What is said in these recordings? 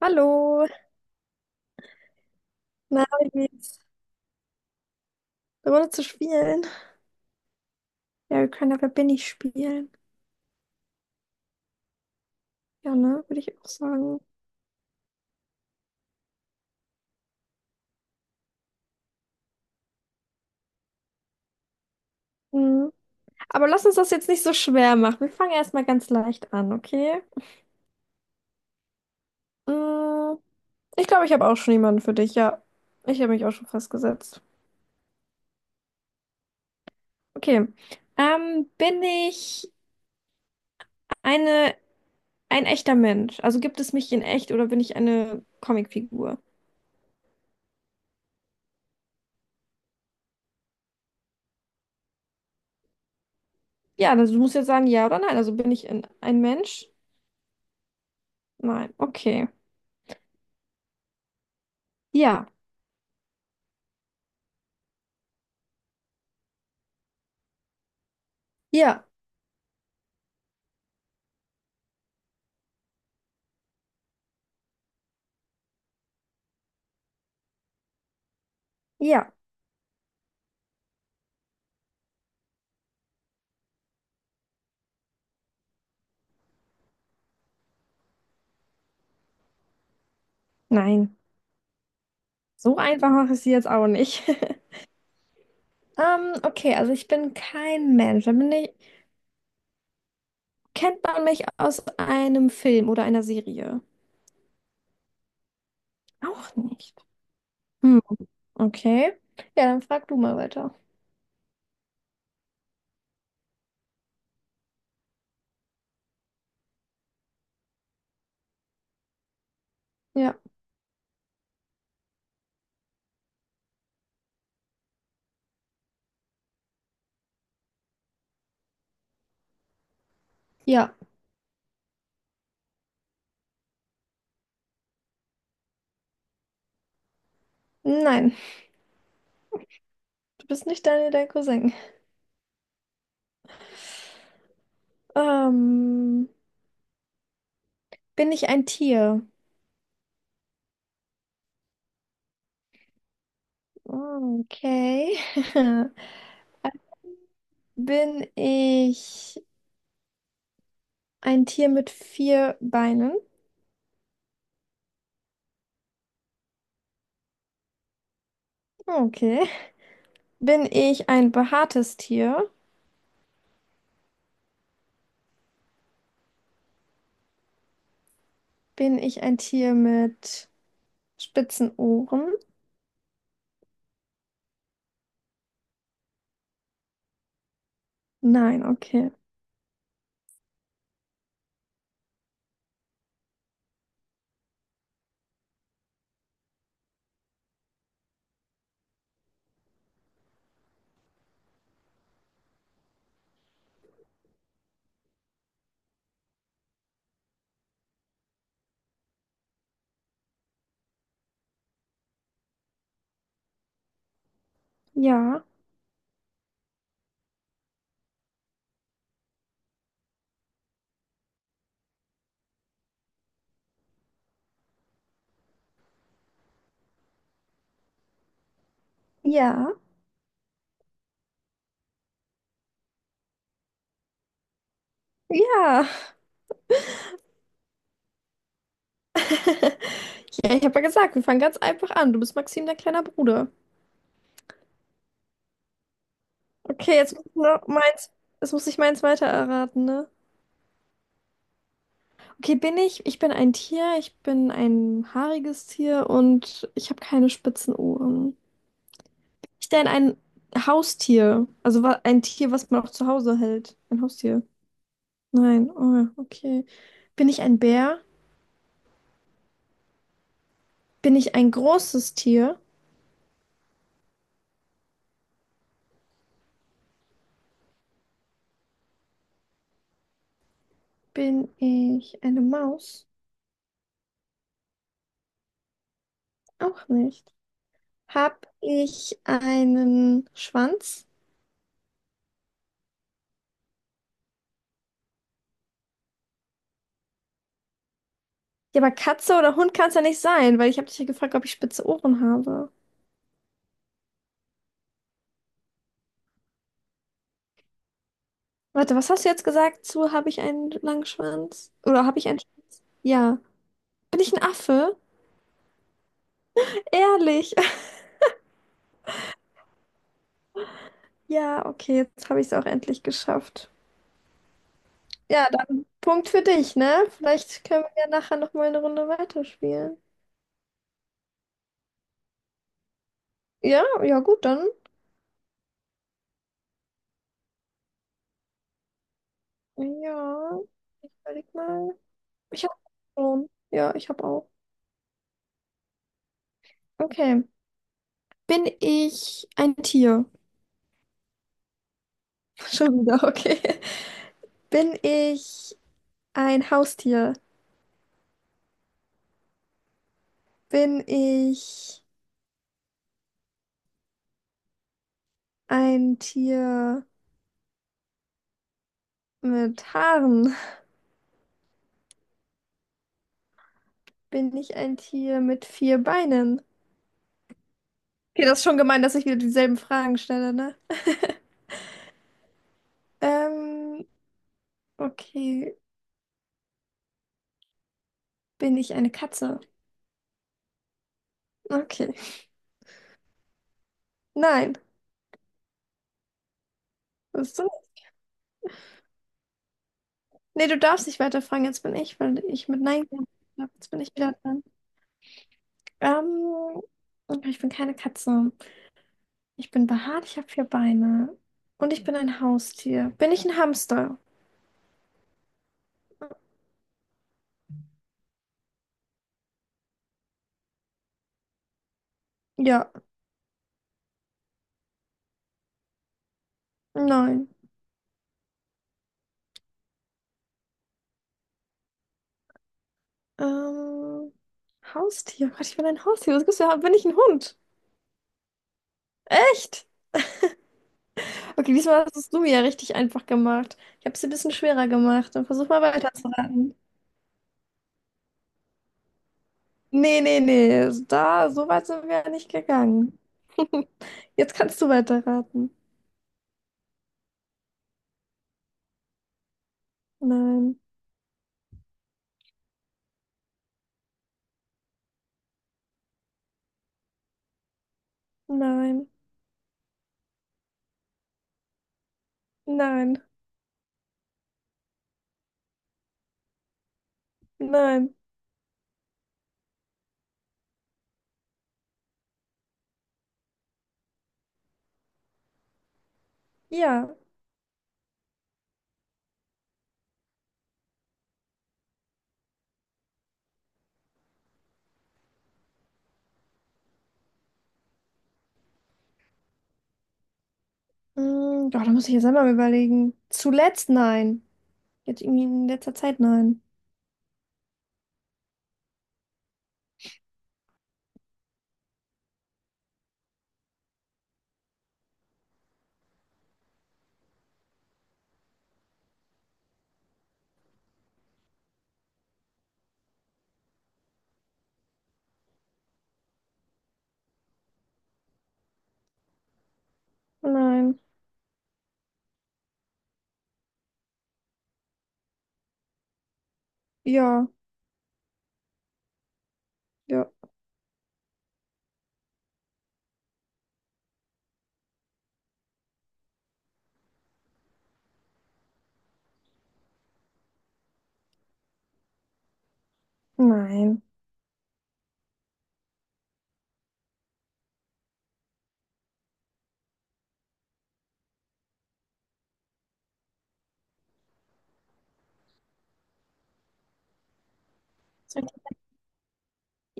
Hallo, na, wie geht's? Eine Runde zu spielen? Ja, wir können ja Wer bin ich spielen. Ja, ne, würde ich auch sagen. Mhm. Aber lass uns das jetzt nicht so schwer machen. Wir fangen erstmal ganz leicht an, okay? Mhm. Ich glaube, ich habe auch schon jemanden für dich. Ja, ich habe mich auch schon festgesetzt. Okay. Bin ich eine, ein echter Mensch? Also gibt es mich in echt oder bin ich eine Comicfigur? Ja, also du musst jetzt sagen ja oder nein. Also bin ich ein Mensch? Nein. Okay. Ja. Ja. Ja. Nein, so einfach mache ich sie jetzt auch nicht. Okay, also ich bin kein Mensch. Kennt man mich aus einem Film oder einer Serie? Auch nicht. Hm, okay. Ja, dann frag du mal weiter. Ja. Ja. Nein, du bist nicht Daniel, dein Cousin. Ähm, bin ich ein Tier? Okay. Bin ich ein Tier mit vier Beinen? Okay. Bin ich ein behaartes Tier? Bin ich ein Tier mit spitzen Ohren? Nein, okay. Ja, ja, ja. Ja, ich habe ja gesagt, wir fangen ganz einfach an. Du bist Maxim, dein kleiner Bruder. Okay, jetzt muss ich noch meins, jetzt muss ich meins weiter erraten, ne? Okay, bin ich? Ich bin ein Tier, ich bin ein haariges Tier und ich habe keine spitzen Ohren. Ich bin ein Haustier, also ein Tier, was man auch zu Hause hält. Ein Haustier. Nein, oh, okay. Bin ich ein Bär? Bin ich ein großes Tier? Bin ich eine Maus? Auch nicht. Hab ich einen Schwanz? Ja, aber Katze oder Hund kann es ja nicht sein, weil ich habe dich ja gefragt, ob ich spitze Ohren habe. Warte, was hast du jetzt gesagt zu, habe ich einen langen Schwanz? Oder habe ich einen Ja. Bin ich ein Affe? Ehrlich. Ja, okay, jetzt habe ich es auch endlich geschafft. Ja, dann Punkt für dich, ne? Vielleicht können wir ja nachher nochmal eine Runde weiterspielen. Ja, ja, gut, dann. Ja, ich überleg mal. Ich habe schon. Ja, ich habe auch. Okay. Bin ich ein Tier? Schon wieder, okay. Bin ich ein Haustier? Bin ich ein Tier mit Haaren? Bin ich ein Tier mit vier Beinen? Okay, das ist schon gemein, dass ich wieder dieselben Fragen stelle, ne? Ähm, okay. Bin ich eine Katze? Okay. Nein. Ist so. Nee, du darfst nicht weiterfragen, jetzt bin ich, weil ich mit Nein gesagt habe. Jetzt bin ich wieder dran. Ähm, okay, ich bin keine Katze. Ich bin behaart, ich habe vier Beine. Und ich bin ein Haustier. Bin ich ein Hamster? Ja. Nein. Ähm, Haustier. Gott, ich bin ein Haustier. Was gibt's da? Bin ich ein Hund? Echt? Okay, diesmal hast du es mir ja richtig einfach gemacht. Ich habe es ein bisschen schwerer gemacht. Dann versuch mal weiterzuraten. Nee, nee, nee, da, so weit sind wir ja nicht gegangen. Jetzt kannst du weiterraten. Nein, nein, nein, nein. Ja. Mm, doch, da muss ich jetzt einmal überlegen. Zuletzt nein. Jetzt irgendwie in letzter Zeit nein. Nein. Ja, ja. Nein.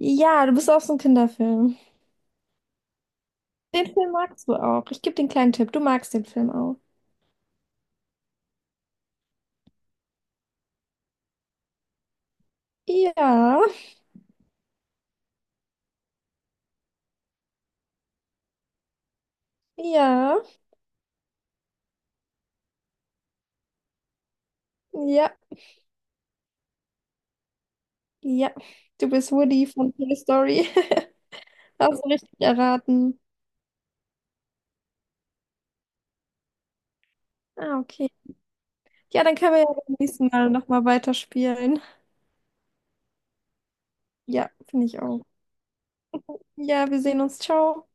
Ja, du bist auch so ein Kinderfilm. Den Film magst du auch. Ich gebe den kleinen Tipp. Du magst den Film auch. Ja, ja, ja, ja. Du bist Woody von Toy Story. Hast du richtig erraten. Ah, okay. Ja, dann können wir ja beim nächsten Mal nochmal weiterspielen. Ja, finde ich auch. Ja, wir sehen uns. Ciao.